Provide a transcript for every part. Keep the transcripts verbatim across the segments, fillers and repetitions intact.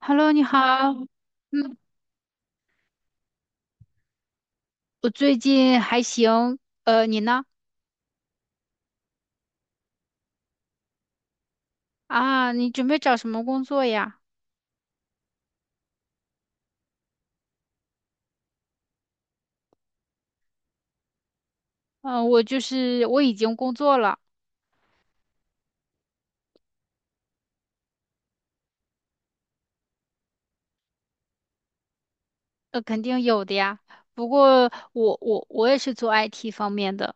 Hello，你好。嗯，我最近还行。呃，你呢？啊，你准备找什么工作呀？嗯，我就是我已经工作了，呃，肯定有的呀。不过我我我也是做 I T 方面的，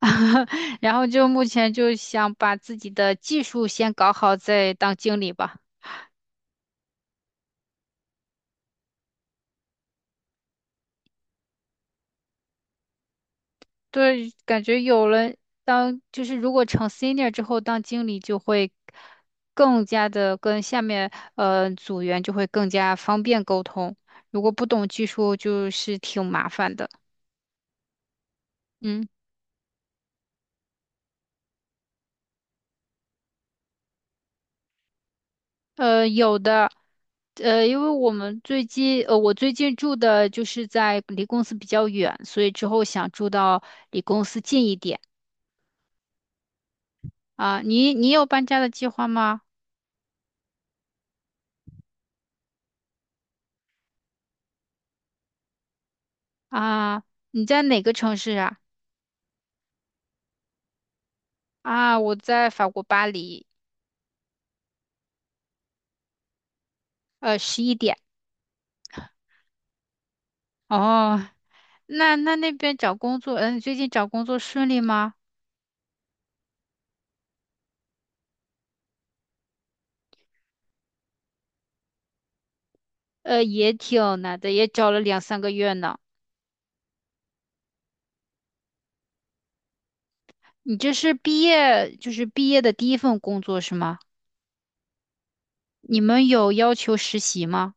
然后就目前就想把自己的技术先搞好，再当经理吧。对，感觉有了当，就是如果成 senior 之后当经理，就会更加的跟下面呃组员就会更加方便沟通。如果不懂技术，就是挺麻烦的。嗯，呃，有的，呃，因为我们最近，呃，我最近住的就是在离公司比较远，所以之后想住到离公司近一点啊。你你有搬家的计划吗？啊，你在哪个城市啊？啊，我在法国巴黎。呃，十一点。哦，那那那边找工作，嗯、你最近找工作顺利吗？呃，也挺难的，也找了两三个月呢。你这是毕业，就是毕业的第一份工作是吗？你们有要求实习吗？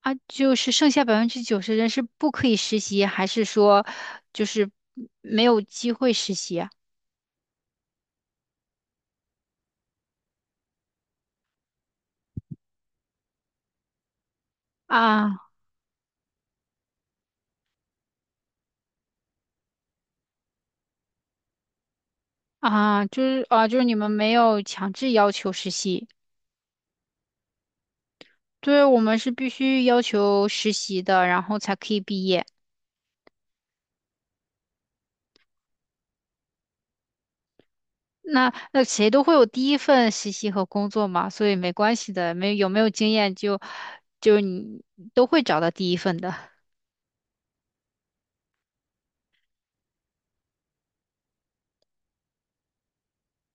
啊，就是剩下百分之九十人是不可以实习，还是说就是没有机会实习啊？啊啊，就是啊，就是你们没有强制要求实习。对，我们是必须要求实习的，然后才可以毕业。那那谁都会有第一份实习和工作嘛，所以没关系的，没有没有经验就就你都会找到第一份的。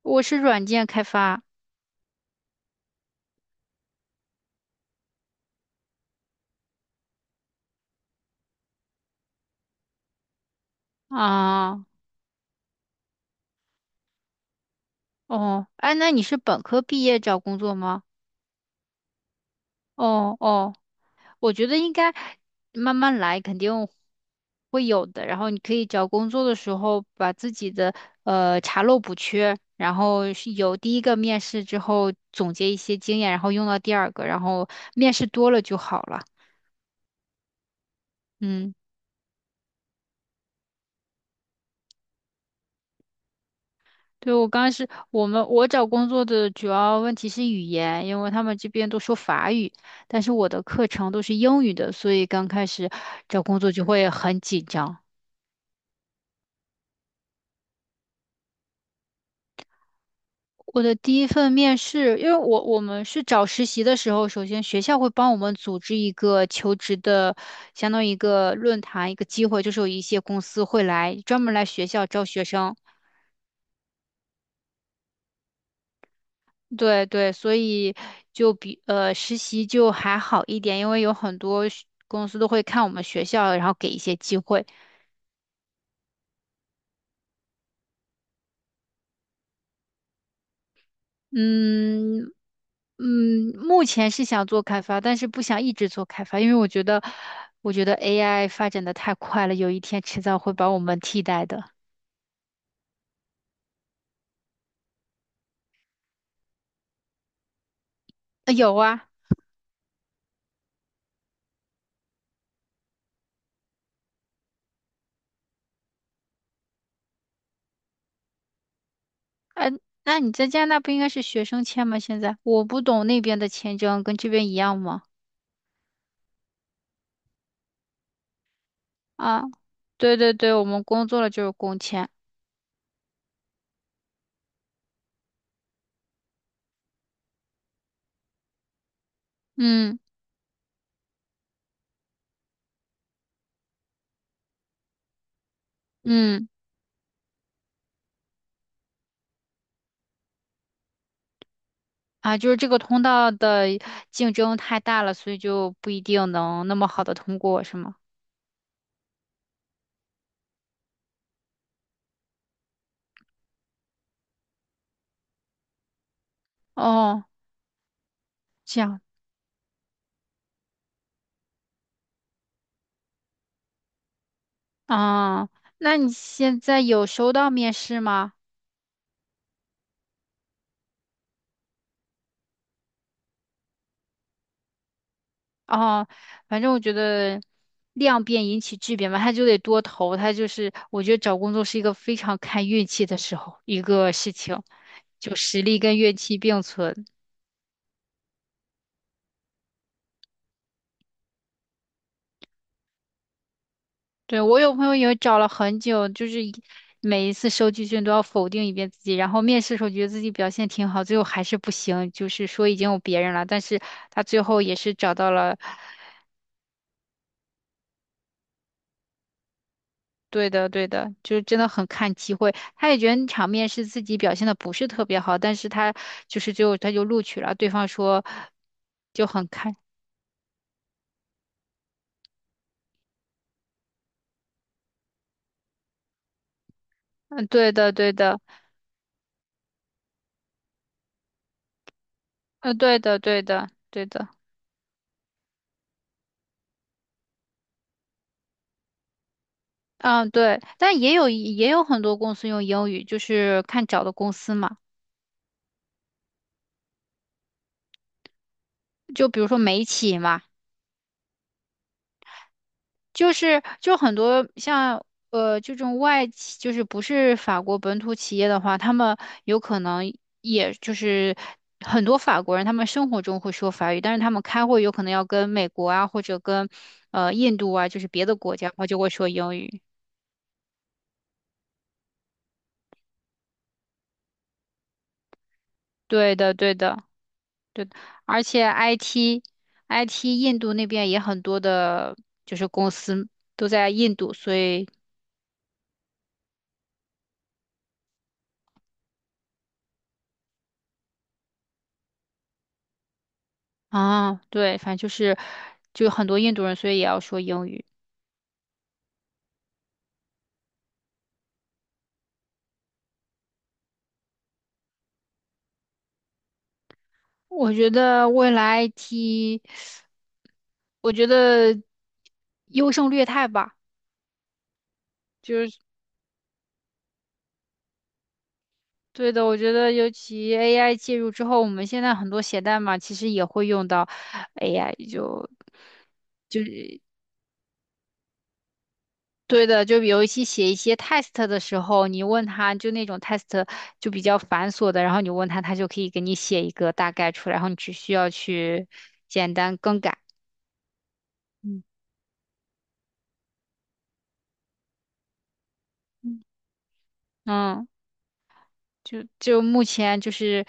我是软件开发啊，哦，哎，那你是本科毕业找工作吗？哦哦。我觉得应该慢慢来，肯定会有的。然后你可以找工作的时候，把自己的呃查漏补缺，然后是有第一个面试之后总结一些经验，然后用到第二个，然后面试多了就好了。嗯，对，我刚开始我们我找工作的主要问题是语言，因为他们这边都说法语，但是我的课程都是英语的，所以刚开始找工作就会很紧张。我的第一份面试，因为我我们是找实习的时候，首先学校会帮我们组织一个求职的，相当于一个论坛，一个机会，就是有一些公司会来专门来学校招学生。对对，所以就比呃实习就还好一点，因为有很多学公司都会看我们学校，然后给一些机会。嗯，嗯，目前是想做开发，但是不想一直做开发，因为我觉得，我觉得 A I 发展的太快了，有一天迟早会把我们替代的。呃有啊，呃，那你在加拿大不应该是学生签吗？现在我不懂那边的签证跟这边一样吗？啊，对对对，我们工作了就是工签。嗯嗯，啊，就是这个通道的竞争太大了，所以就不一定能那么好的通过，是吗？哦，这样。啊，那你现在有收到面试吗？哦，反正我觉得量变引起质变吧，他就得多投，他就是我觉得找工作是一个非常看运气的时候一个事情，就实力跟运气并存。对，我有朋友也找了很久，就是一每一次收集卷都要否定一遍自己，然后面试的时候觉得自己表现挺好，最后还是不行，就是说已经有别人了，但是他最后也是找到了。对的，对的，就是真的很看机会。他也觉得场面是自己表现的不是特别好，但是他就是就他就录取了。对方说就很看，嗯，对的，对的，嗯，对的，对的，对的，嗯，对。但也有也有很多公司用英语，就是看找的公司嘛。就比如说美企嘛，就是就很多像呃这种外企，就是不是法国本土企业的话，他们有可能也就是很多法国人，他们生活中会说法语，但是他们开会有可能要跟美国啊，或者跟呃印度啊，就是别的国家，他就会说英语。对的，对的，对的。而且 I T I T 印度那边也很多的，就是公司都在印度，所以啊，对，反正就是就很多印度人，所以也要说英语。我觉得未来 I T，我觉得优胜劣汰吧，就是对的。我觉得尤其 A I 介入之后，我们现在很多写代码其实也会用到 A I，就对的。就尤其写一些 test 的时候，你问他就那种 test 就比较繁琐的，然后你问他，他就可以给你写一个大概出来，然后你只需要去简单更改。嗯嗯，嗯。就就目前就是，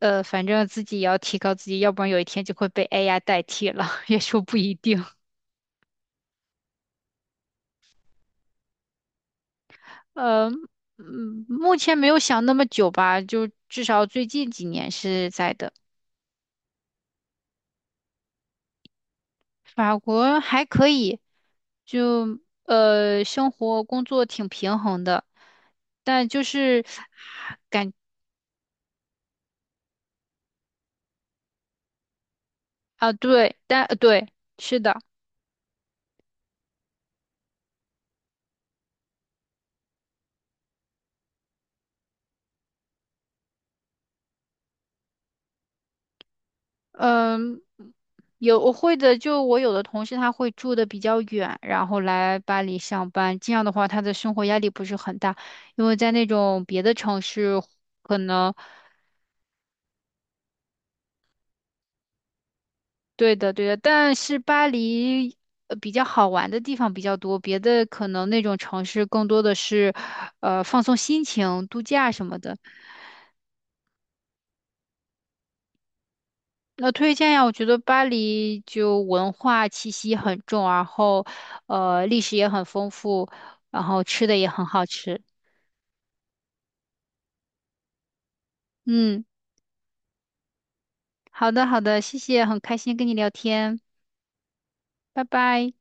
呃，反正自己也要提高自己，要不然有一天就会被 A I 代替了，也说不一定。呃，嗯，目前没有想那么久吧，就至少最近几年是在的。法国还可以，就呃，生活工作挺平衡的，但就是啊，对，但呃对，是的。嗯，有我会的，就我有的同事他会住的比较远，然后来巴黎上班，这样的话他的生活压力不是很大，因为在那种别的城市可能，对的对的，但是巴黎呃比较好玩的地方比较多，别的可能那种城市更多的是，呃放松心情、度假什么的。那推荐呀，我觉得巴黎就文化气息很重，然后呃历史也很丰富，然后吃的也很好吃。嗯，好的好的，谢谢，很开心跟你聊天，拜拜。